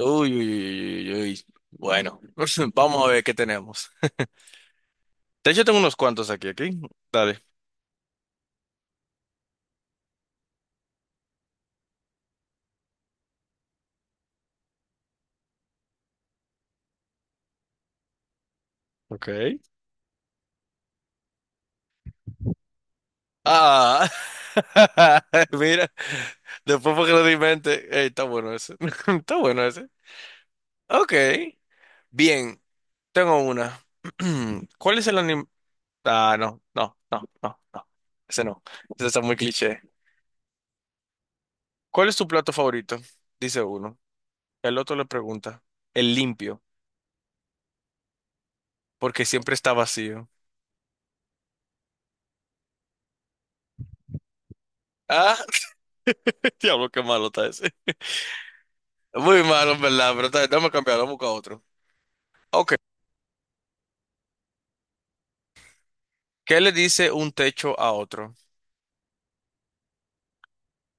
Uy, uy, uy, uy, uy, uy. Bueno, vamos a ver qué tenemos. De hecho, tengo unos cuantos aquí. Dale. Ok. Ah, mira, después porque lo di en mente. Ey, está bueno ese. Está bueno ese. Ok, bien, tengo una. ¿Cuál es el anime? Ah, no, no, no, no, no. Ese no. Ese está muy cliché. ¿Cuál es tu plato favorito? Dice uno. El otro le pregunta. El limpio, porque siempre está vacío. Ah, diablo, qué malo está ese. Muy malo, en verdad, pero está, bien, déjame cambiar, vamos a buscar otro. Ok. ¿Qué le dice un techo a otro?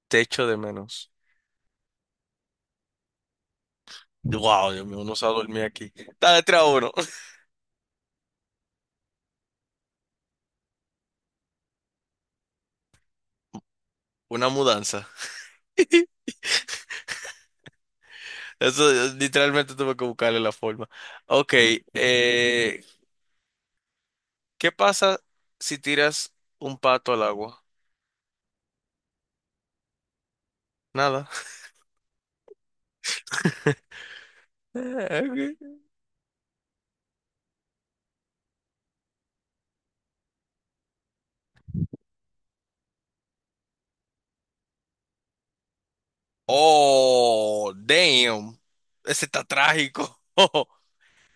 Techo de menos. Wow, Dios mío, uno se va a dormir aquí. Está tres uno. Una mudanza. Eso literalmente tuve que buscarle la forma. Ok, eh, ¿qué pasa si tiras un pato al agua? Nada. Oh, damn. Ese está trágico.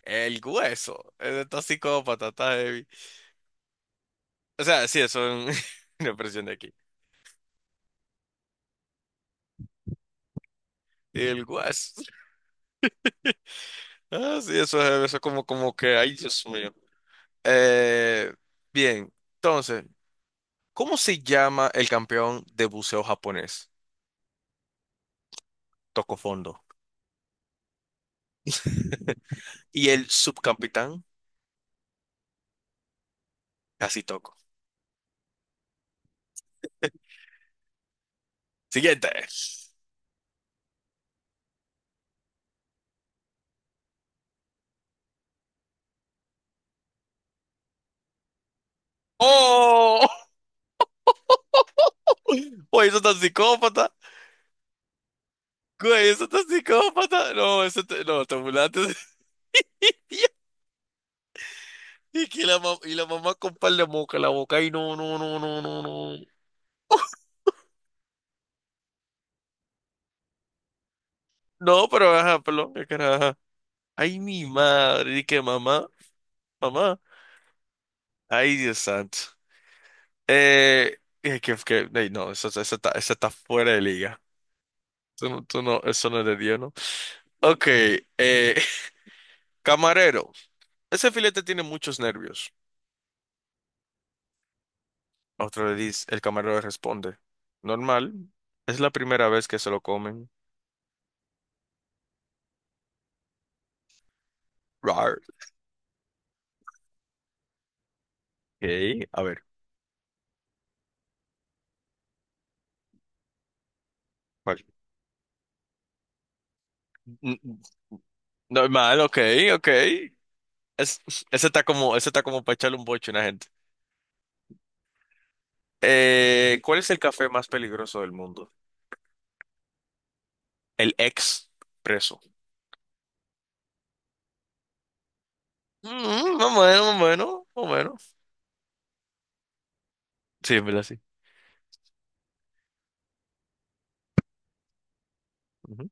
El hueso. Ese está psicópata, está heavy. O sea, sí, eso es un una presión de aquí. El guas. Ah, sí, eso es como, como que, ay, Dios mío. Eh, bien, entonces, ¿cómo se llama el campeón de buceo japonés? Toco fondo. Y el subcapitán, casi toco. Siguiente. ¡Oh! Oye, eso está psicópata. Güey, eso está psicópata. No, eso te, no, te burlaste. Y, que la, y la mamá con par de moca en la boca. Ay, no, no, no, no, no, no. No, pero ajá, perdón, qué cara, ajá. Ay, mi madre, y que mamá, mamá. Ay, Dios santo. Eh, que, ay, no, eso, eso está fuera de liga. Tú, no, eso no es de Dios, ¿no? Ok, eh, camarero. Ese filete tiene muchos nervios. A otro le dice, el camarero le responde. Normal, es la primera vez que se lo comen. Rar. Ok, a ver, ¿cuál? N- n- Normal, ok, ok. Es, ese está como para echarle un boche a una gente. ¿Cuál es el café más peligroso del mundo? El expreso. Mm, más o menos, más o menos, más o menos. Sí, en verdad, sí. Ujú.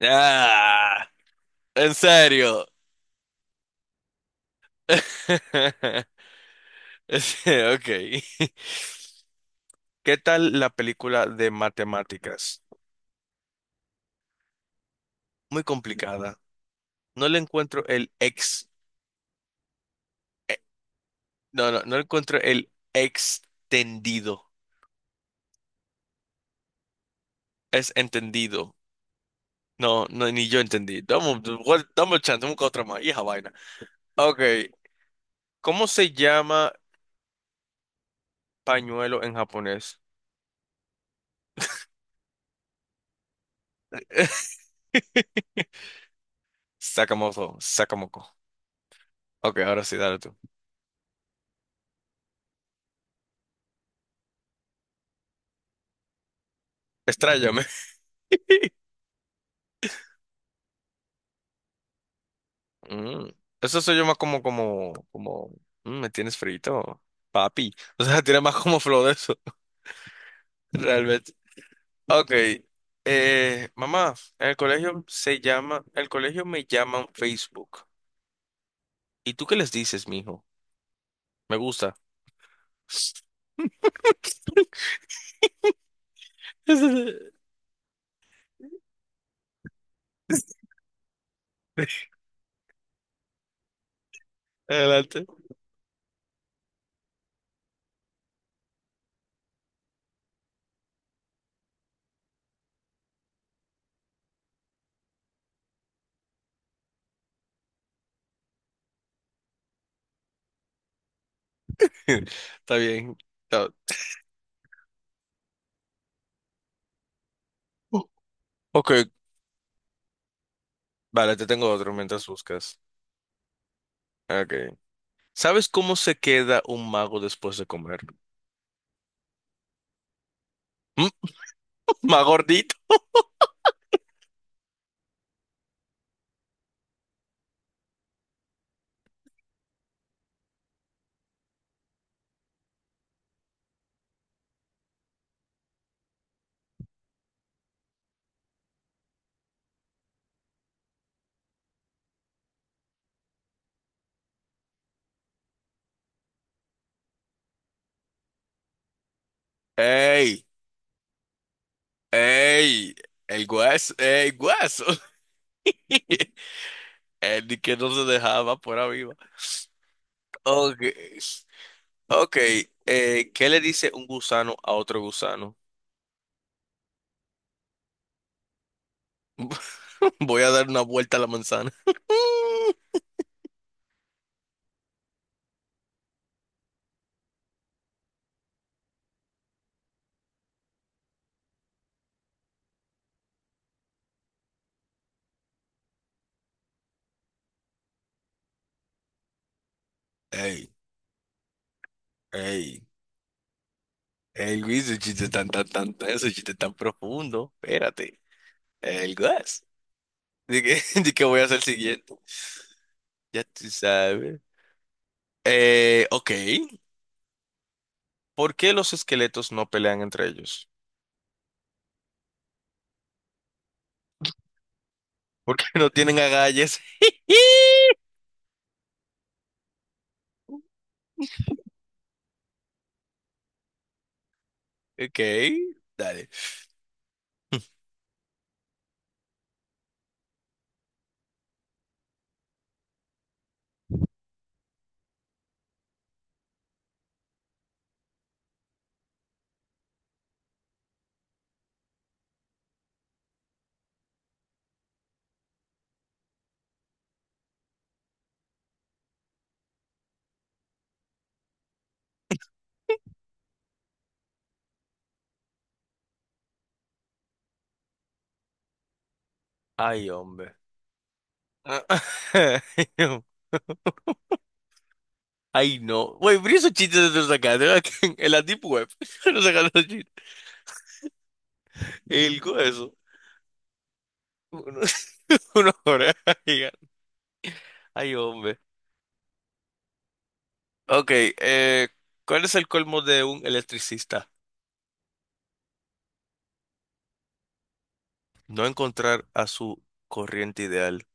Ah, en serio. Sí, ok. ¿Qué tal la película de matemáticas? Muy complicada. No le encuentro el ex. eh, no, no, no le encuentro el extendido. Es entendido. No, no, ni yo entendí. Dame, dame un chance, dame otra más. Hija vaina. Ok. ¿Cómo se llama pañuelo en japonés? Sakamoto, Sakamoko. Ok, ahora sí, dale tú. Estrállame. Mm, Eso se llama como, como, como, mm, me tienes frito, papi. O sea, tiene más como flow de eso, realmente. Ok, mamá, en el colegio se llama, el colegio me llaman Facebook. ¿Y tú qué les dices, mijo? Me gusta. Adelante. Está bien. Está- Ok, vale, te tengo otro mientras buscas. Ok. ¿Sabes cómo se queda un mago después de comer? ¿Mm? ¿Más gordito? ¡Ey! ¡Ey! El guaso, ey guaso. El de que no se dejaba por viva. Ok. Ok. ¿Qué le dice un gusano a otro gusano? Voy a dar una vuelta a la manzana. ¡Ey! ¡Ey! ¡Ey, Luis! Ese chiste tan, tan, tan, ese chiste tan profundo. Espérate. El guas. De que, de que voy a hacer el siguiente. Ya tú sabes. Ok. ¿Por qué los esqueletos no pelean entre ellos? Porque no tienen agallas. Ok, dale. Ay, hombre. Ah, ay, no. Güey, pero esos chistes de los sacaste, ¿verdad? En la Deep Web. Los sacaste los chistes. El hueso. Uno, una oreja gigante. Ay, hombre. Ok, eh, ¿cuál es el colmo de un electricista? No encontrar a su corriente ideal.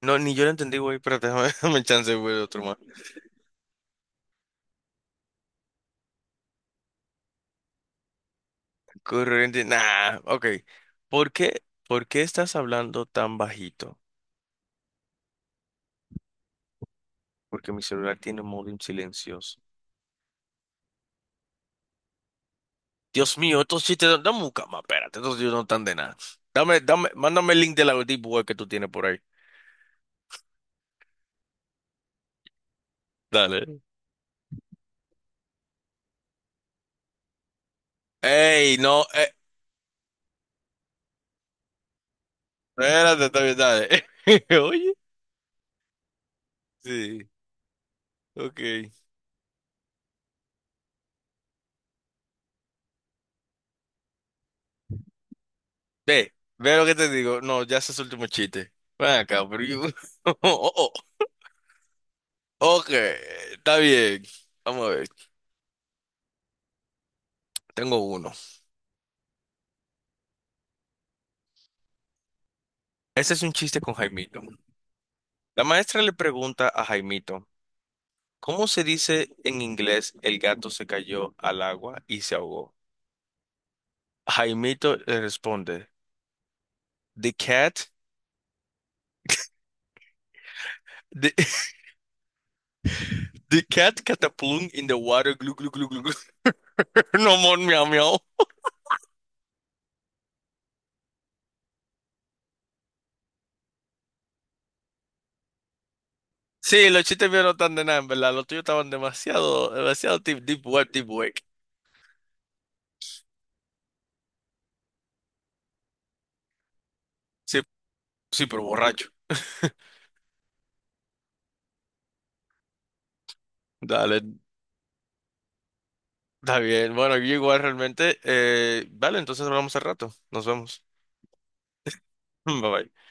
No, ni yo lo entendí, güey, pero déjame, dame chance, güey, de otro más. Corriente, nah, ok. Por qué estás hablando tan bajito? Porque mi celular tiene modo en silencioso. Dios mío, estos chistes, dame un cama, espérate, estos chistes no están de nada. Dame, dame, mándame el link de la deep web que tú tienes por ahí. Dale. Ey, no, espérate, está bien, dale. Oye, sí, ok. Ve, ve lo que te digo. No, ya ese es el último chiste. Ven acá, oh, oh. Ok, está bien. Vamos a ver, tengo uno. Este es un chiste con Jaimito. La maestra le pregunta a Jaimito, ¿cómo se dice en inglés el gato se cayó al agua y se ahogó? Jaimito le responde, the cat, the, the cat cataplum in the water, glu, glu, glu, glu, glu. No more miau, miau. Sí, los chistes míos no están de nada, en verdad. Los tuyos estaban demasiado, demasiado deep, deep web, deep web. Sí, sí, pero borracho. Dale, está bien. Bueno, yo igual realmente. Vale, entonces hablamos al rato. Nos vemos. Bye bye.